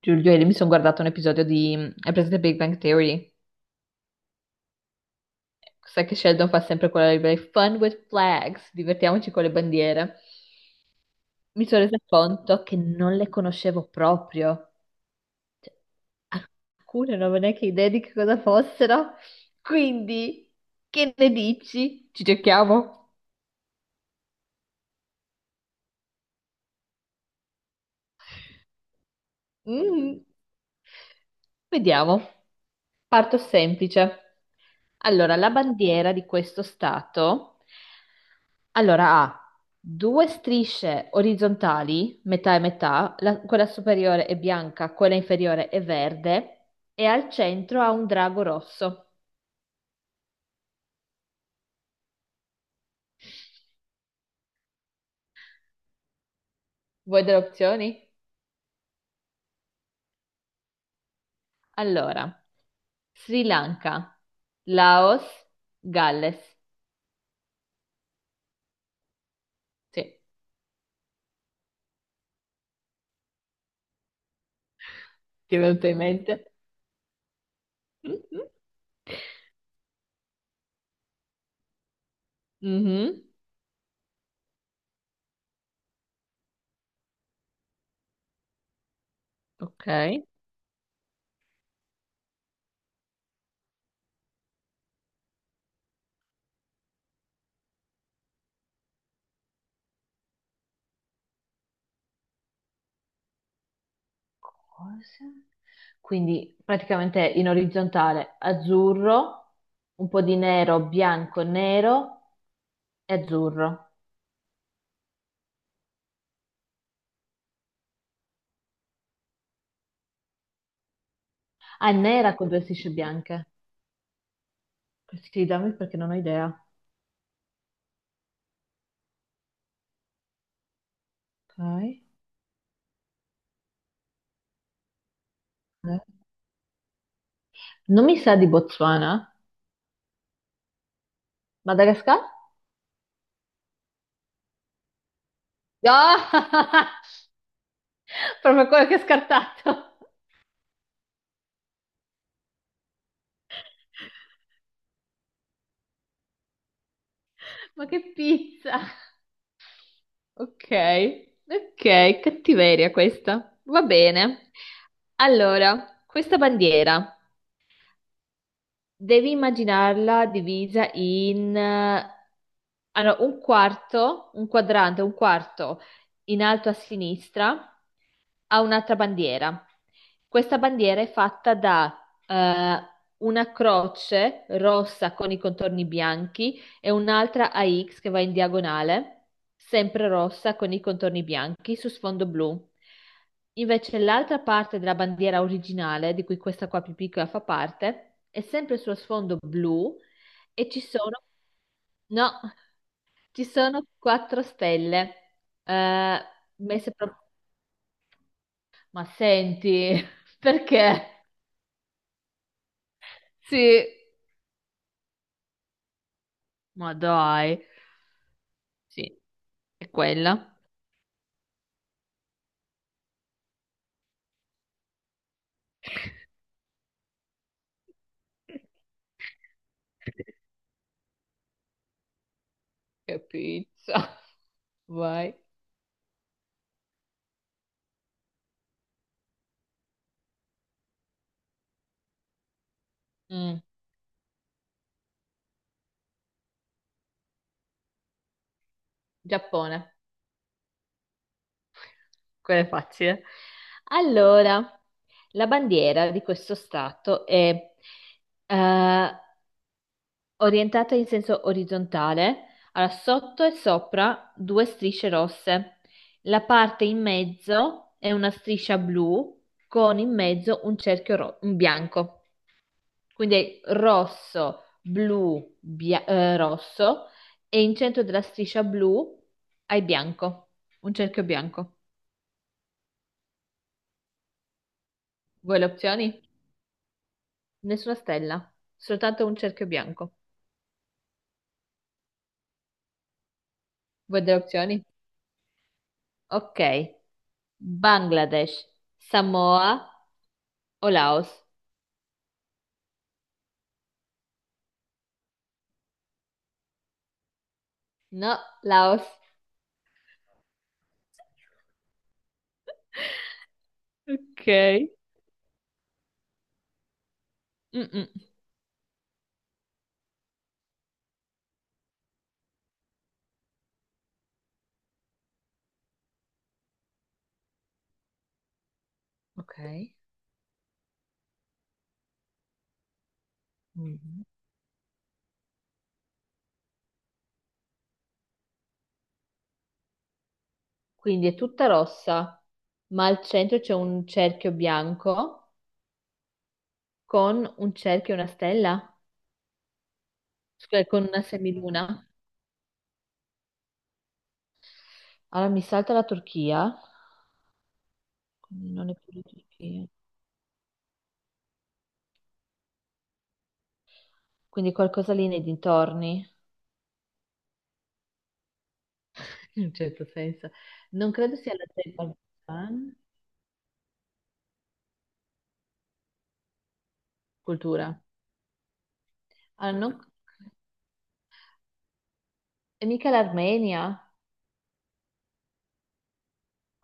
Giulio, ieri mi sono guardato un episodio di... hai presente Big Bang Theory? Sai che Sheldon fa sempre quella libera Fun with flags, divertiamoci con le bandiere. Mi sono resa conto che non le conoscevo proprio. Alcune non avevo neanche idea di che cosa fossero. Quindi, che ne dici? Ci giochiamo? Mm. Vediamo. Parto semplice. Allora, la bandiera di questo stato allora ha due strisce orizzontali, metà e metà, quella superiore è bianca, quella inferiore è verde e al centro ha un drago rosso. Vuoi delle opzioni? Allora, Sri Lanka, Laos, Galles. Sì, ti è venuto in mente? Mhm. Ok. Cosa? Quindi praticamente in orizzontale azzurro, un po' di nero, bianco, nero e azzurro. Ah, è nera con due strisce bianche. Questi dammi perché non ho idea. Ok. Eh. Non mi sa di Botswana? Madagascar? Ah! Proprio quello che ho scartato. Ma che pizza! Ok, ok, cattiveria questa. Va bene. Allora, questa bandiera. Devi immaginarla divisa in allora, un quarto, un quadrante, un quarto in alto a sinistra, ha un'altra bandiera. Questa bandiera è fatta da una croce rossa con i contorni bianchi e un'altra a X che va in diagonale, sempre rossa con i contorni bianchi su sfondo blu. Invece l'altra parte della bandiera originale, di cui questa qua più piccola fa parte, è sempre sullo sfondo blu e ci sono, no, ci sono quattro stelle, eh, messe proprio. Ma senti, perché? Sì, ma dai, sì, è quella. Che pizza. Vai. Mm. Giappone, quella è facile. Allora, la bandiera di questo stato è eh, orientata in senso orizzontale, allora sotto e sopra due strisce rosse. La parte in mezzo è una striscia blu con in mezzo un un bianco. Quindi è rosso, blu, rosso e in centro della striscia blu hai bianco, un cerchio bianco. Vuoi le opzioni? Nessuna stella, soltanto un cerchio bianco. Vuoi delle opzioni? Ok. Bangladesh, Samoa o Laos? No, Laos. Ok. Mm-mm. Ok. Mhm. Quindi è tutta rossa, ma al centro c'è un cerchio bianco con un cerchio e una stella, scusa, con una semiluna. Allora mi salta la Turchia, quindi non è più la Turchia. Quindi qualcosa lì nei dintorni, in un certo senso. Non credo sia la Azerbaigian, cultura. Ah, non- e mica l'Armenia.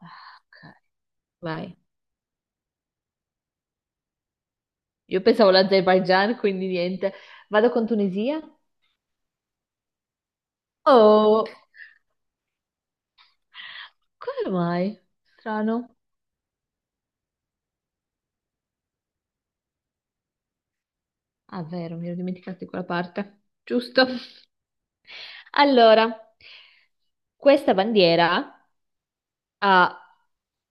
Ah, ok. Vai. Io pensavo l'Azerbaigian, quindi niente. Vado con Tunisia? Oh, come mai? Strano. Ah, vero, mi ero dimenticato di quella parte. Giusto. Allora, questa bandiera ha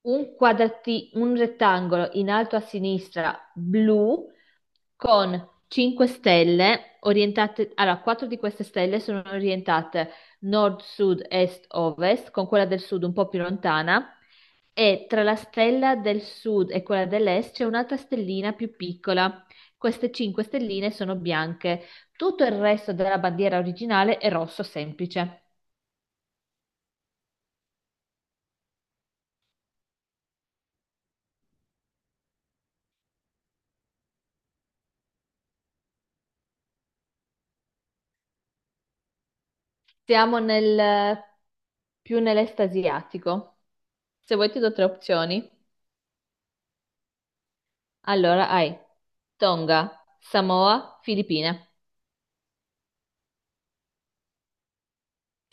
un un rettangolo in alto a sinistra blu con 5 stelle orientate, allora 4 di queste stelle sono orientate nord, sud, est, ovest, con quella del sud un po' più lontana e tra la stella del sud e quella dell'est c'è un'altra stellina più piccola. Queste 5 stelline sono bianche. Tutto il resto della bandiera originale è rosso semplice. Siamo nel, più nell'est asiatico. Se vuoi ti do tre opzioni. Allora hai Tonga, Samoa, Filippine.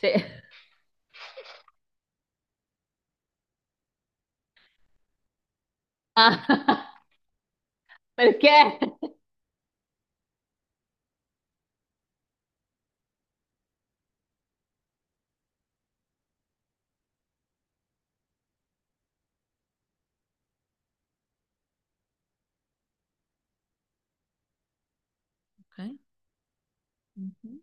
Sì. Ah, perché? Ok. Mhm.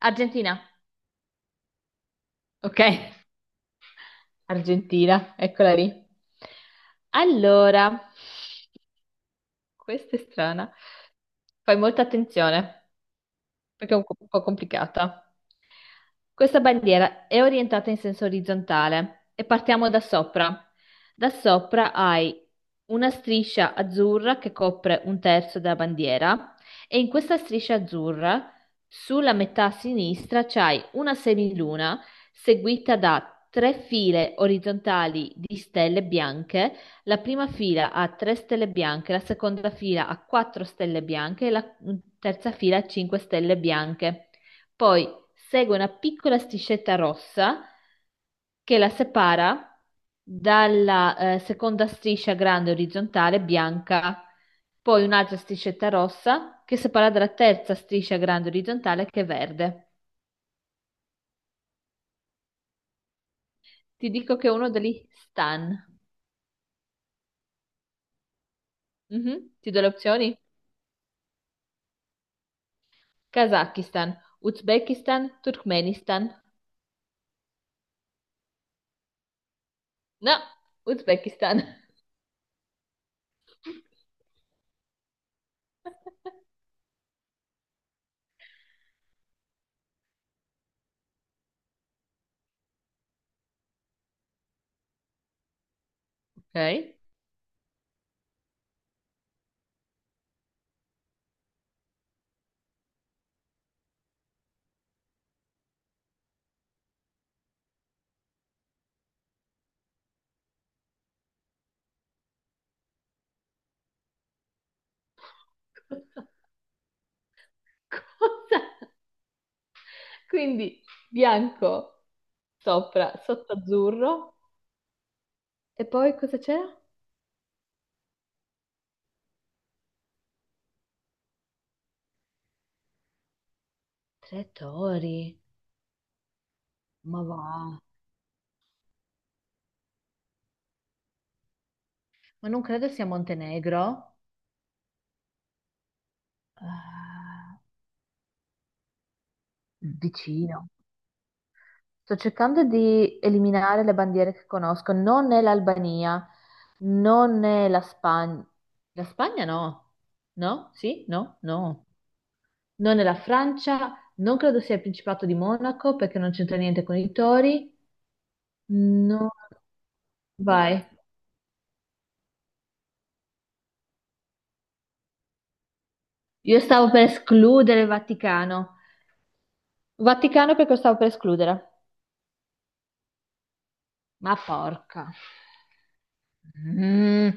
Argentina. Ok, Argentina, eccola lì. Allora, questa è strana. Fai molta attenzione. Perché è un po' complicata. Questa bandiera è orientata in senso orizzontale e partiamo da sopra. Da sopra hai una striscia azzurra che copre un terzo della bandiera e in questa striscia azzurra, sulla metà sinistra, c'hai una semiluna seguita da tre file orizzontali di stelle bianche, la prima fila ha tre stelle bianche, la seconda fila ha quattro stelle bianche e la terza fila ha cinque stelle bianche. Poi segue una piccola striscetta rossa che la separa dalla seconda striscia grande orizzontale bianca, poi un'altra striscetta rossa che separa dalla terza striscia grande orizzontale che è verde. Ti dico che è uno degli stan. Mhm. Ti do le opzioni? Kazakistan, Uzbekistan, Turkmenistan. No, Uzbekistan. Ok. Cosa? Quindi bianco sopra, sotto azzurro. E poi cosa c'era? Tre tori. Ma va. Ma non credo sia Montenegro. Ah, vicino. Sto cercando di eliminare le bandiere che conosco. Non è l'Albania, non è la Spagna. La Spagna no. No? Sì? No? No. Non nella Francia, non credo sia il Principato di Monaco perché non c'entra niente con i tori. No, vai. Io stavo per escludere il Vaticano, Vaticano perché lo stavo per escludere. Ma porca. Mm.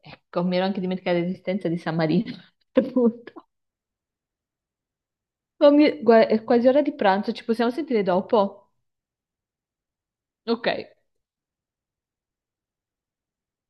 Ecco, mi ero anche dimenticata l'esistenza di San Marino. Appunto. Ma è quasi ora di pranzo, ci possiamo sentire dopo? Ok.